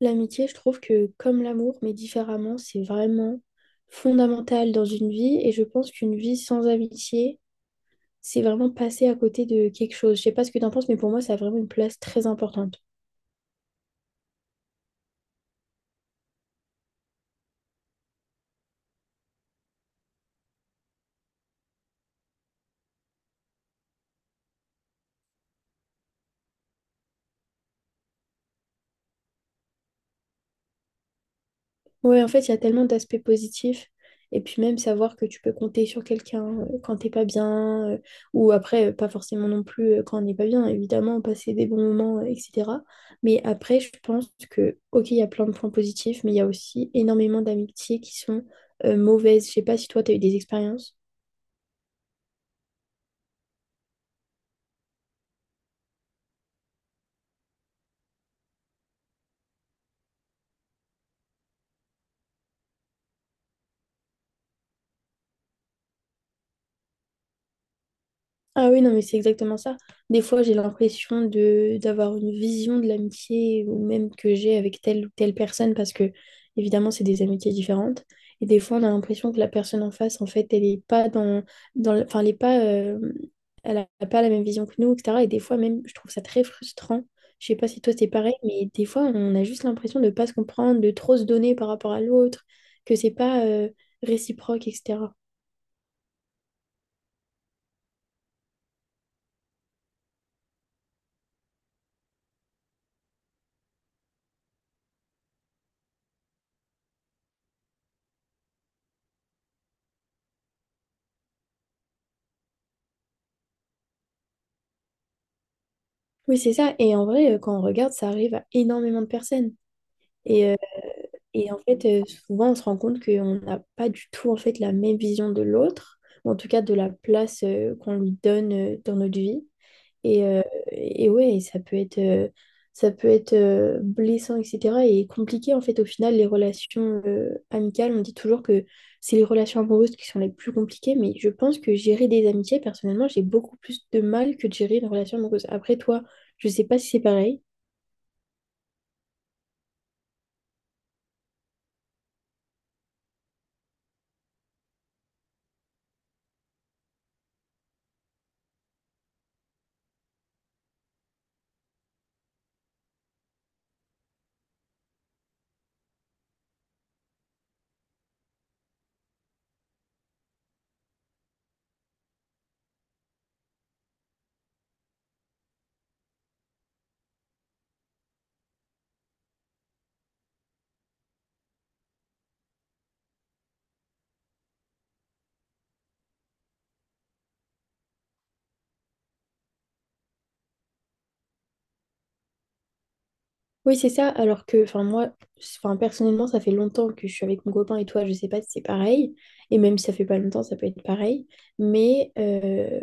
L'amitié, je trouve que comme l'amour, mais différemment, c'est vraiment fondamental dans une vie. Et je pense qu'une vie sans amitié, c'est vraiment passer à côté de quelque chose. Je sais pas ce que tu en penses, mais pour moi, ça a vraiment une place très importante. Ouais, en fait, il y a tellement d'aspects positifs. Et puis même savoir que tu peux compter sur quelqu'un quand t'es pas bien, ou après, pas forcément non plus quand on n'est pas bien, évidemment, passer des bons moments, etc. Mais après, je pense que, ok, il y a plein de points positifs, mais il y a aussi énormément d'amitiés qui sont mauvaises. Je sais pas si toi, tu as eu des expériences. Ah oui, non, mais c'est exactement ça. Des fois, j'ai l'impression de d'avoir une vision de l'amitié ou même que j'ai avec telle ou telle personne parce que, évidemment, c'est des amitiés différentes. Et des fois, on a l'impression que la personne en face, en fait, elle n'est pas enfin, elle est pas, elle n'a pas la même vision que nous, etc. Et des fois, même, je trouve ça très frustrant. Je sais pas si toi, c'est pareil, mais des fois, on a juste l'impression de ne pas se comprendre, de trop se donner par rapport à l'autre, que c'est pas, réciproque, etc. Oui, c'est ça. Et en vrai, quand on regarde, ça arrive à énormément de personnes. Et, euh, et en fait, souvent, on se rend compte qu'on n'a pas du tout en fait, la même vision de l'autre, ou en tout cas de la place qu'on lui donne dans notre vie. Et, euh, et ouais, et ça peut être blessant, etc. Et compliqué, en fait, au final, les relations amicales, on dit toujours que c'est les relations amoureuses qui sont les plus compliquées, mais je pense que gérer des amitiés, personnellement, j'ai beaucoup plus de mal que de gérer une relation amoureuse. Après, toi, je sais pas si c'est pareil. Oui, c'est ça. Alors que, enfin, moi, enfin, personnellement, ça fait longtemps que je suis avec mon copain et toi, je sais pas si c'est pareil. Et même si ça fait pas longtemps, ça peut être pareil. Mais, euh,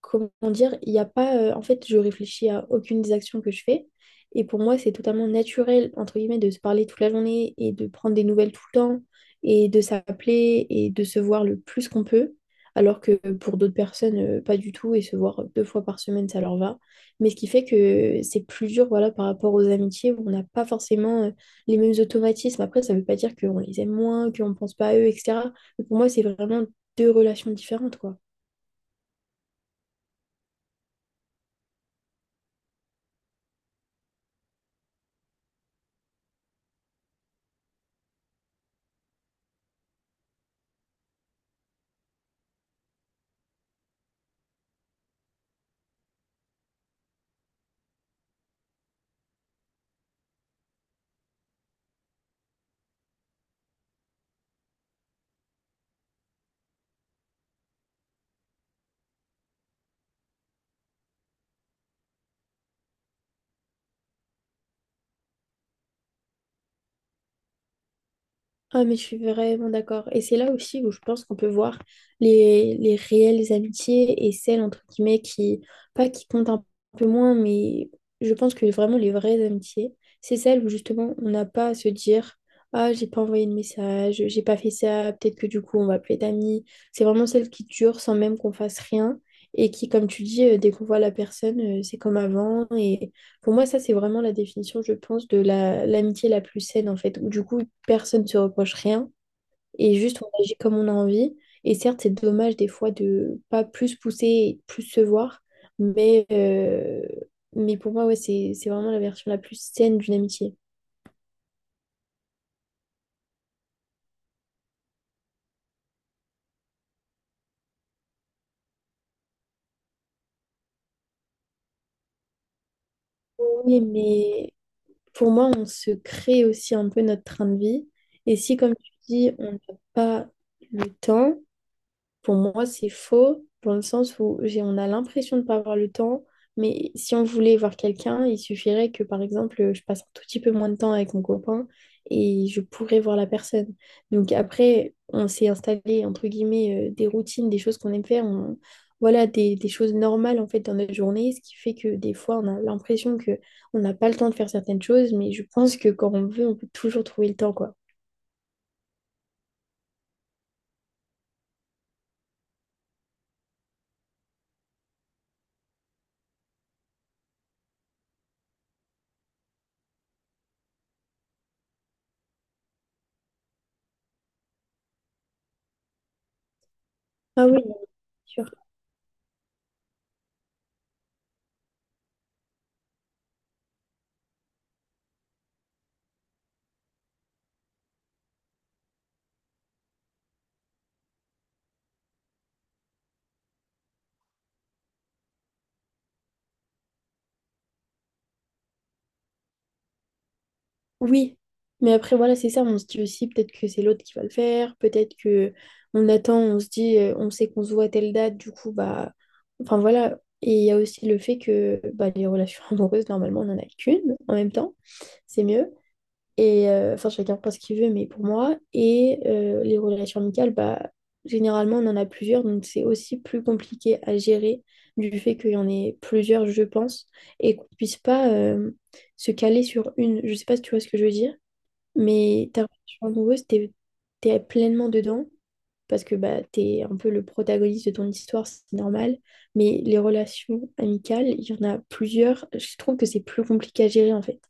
comment dire, il n'y a pas. En fait, je réfléchis à aucune des actions que je fais. Et pour moi, c'est totalement naturel, entre guillemets, de se parler toute la journée et de prendre des nouvelles tout le temps et de s'appeler et de se voir le plus qu'on peut. Alors que pour d'autres personnes, pas du tout. Et se voir deux fois par semaine, ça leur va mais ce qui fait que c'est plus dur, voilà, par rapport aux amitiés où on n'a pas forcément les mêmes automatismes. Après, ça ne veut pas dire qu'on les aime moins, qu'on ne pense pas à eux, etc. Mais pour moi, c'est vraiment deux relations différentes, quoi. Ah, mais je suis vraiment d'accord. Et c'est là aussi où je pense qu'on peut voir les réelles amitiés et celles, entre guillemets, qui, pas qui comptent un peu moins, mais je pense que vraiment les vraies amitiés, c'est celles où justement on n'a pas à se dire, ah, j'ai pas envoyé de message, j'ai pas fait ça, peut-être que du coup on va plus être amis. C'est vraiment celles qui durent sans même qu'on fasse rien et qui, comme tu dis, dès qu'on voit la personne, c'est comme avant. Et pour moi, ça, c'est vraiment la définition, je pense, de l'amitié la plus saine, en fait, où du coup, personne ne se reproche rien et juste on agit comme on a envie. Et certes, c'est dommage des fois de pas plus pousser et plus se voir, mais, euh, mais pour moi, ouais, c'est vraiment la version la plus saine d'une amitié. Oui, mais pour moi, on se crée aussi un peu notre train de vie. Et si, comme tu dis, on n'a pas le temps, pour moi, c'est faux dans le sens où on a l'impression de ne pas avoir le temps, mais si on voulait voir quelqu'un, il suffirait que, par exemple, je passe un tout petit peu moins de temps avec mon copain et je pourrais voir la personne. Donc après, on s'est installé, entre guillemets, des routines, des choses qu'on aime faire, voilà, des choses normales, en fait, dans notre journée, ce qui fait que des fois, on a l'impression que on n'a pas le temps de faire certaines choses, mais je pense que quand on veut, on peut toujours trouver le temps, quoi. Ah oui, bien sûr. Oui, mais après voilà, c'est ça, on se dit aussi peut-être que c'est l'autre qui va le faire, peut-être que on attend, on se dit on sait qu'on se voit à telle date, du coup bah enfin voilà, et il y a aussi le fait que bah, les relations amoureuses normalement on n'en a qu'une en même temps, c'est mieux et enfin chacun pense ce qu'il veut mais pour moi et les relations amicales bah généralement on en a plusieurs donc c'est aussi plus compliqué à gérer du fait qu'il y en ait plusieurs je pense et qu'on puisse pas se caler sur une, je sais pas si tu vois ce que je veux dire. Mais ta relation amoureuse, t'es pleinement dedans parce que bah, t'es un peu le protagoniste de ton histoire, c'est normal. Mais les relations amicales, il y en a plusieurs. Je trouve que c'est plus compliqué à gérer en fait.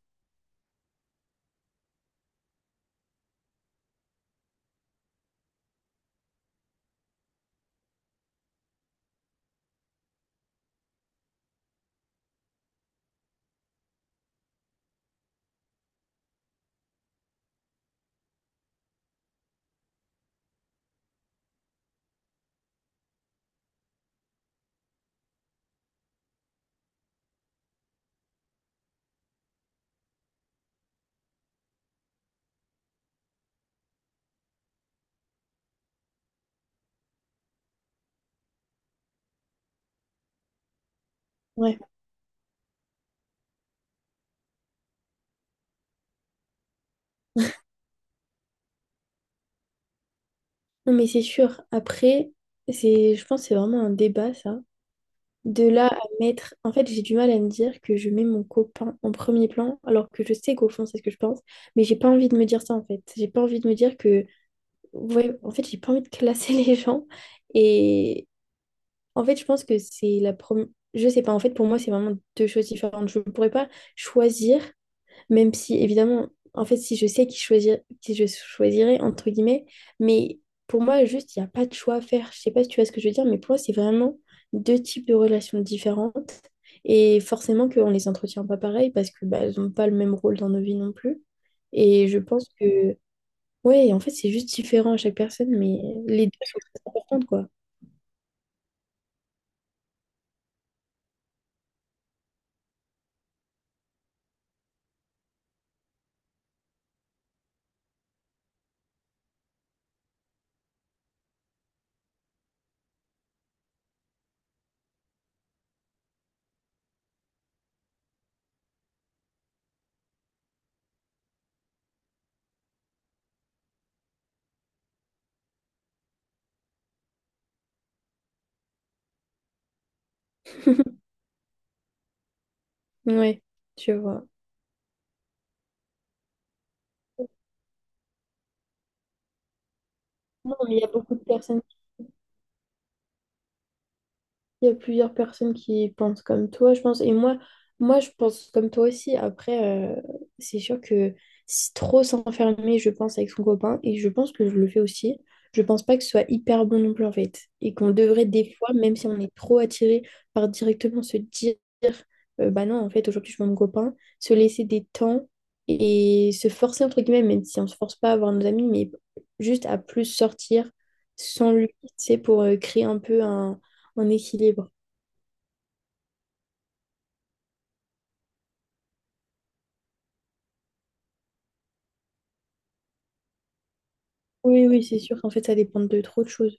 Ouais. Non, mais c'est sûr. Après, je pense que c'est vraiment un débat ça. De là à mettre. En fait, j'ai du mal à me dire que je mets mon copain en premier plan alors que je sais qu'au fond, c'est ce que je pense. Mais j'ai pas envie de me dire ça en fait. J'ai pas envie de me dire que. Ouais, en fait, j'ai pas envie de classer les gens. Et, En fait, je pense que c'est la première. Je sais pas, en fait, pour moi, c'est vraiment deux choses différentes. Je ne pourrais pas choisir, même si, évidemment, en fait, si je sais qui choisir, qui je choisirais, entre guillemets, mais pour moi, juste, il n'y a pas de choix à faire. Je sais pas si tu vois ce que je veux dire, mais pour moi, c'est vraiment deux types de relations différentes. Et forcément qu'on ne les entretient pas pareil parce que bah, elles n'ont pas le même rôle dans nos vies non plus. Et je pense que, ouais, en fait, c'est juste différent à chaque personne, mais les deux sont très importantes, quoi. Ouais, tu vois. Non, mais il y a plusieurs personnes qui pensent comme toi, je pense. Et moi, moi, je pense comme toi aussi. Après, c'est sûr que si trop s'enfermer, je pense, avec son copain, et je pense que je le fais aussi, je pense pas que ce soit hyper bon non plus, en fait. Et qu'on devrait, des fois, même si on est trop attiré par directement se dire, bah non, en fait, aujourd'hui, je vois mon copain, se laisser des temps et se forcer, entre guillemets, même si on se force pas à voir nos amis, mais juste à plus sortir sans lui, tu sais, pour créer un peu un en équilibre. Oui, oui, c'est sûr. Qu'en fait, ça dépend de trop de choses.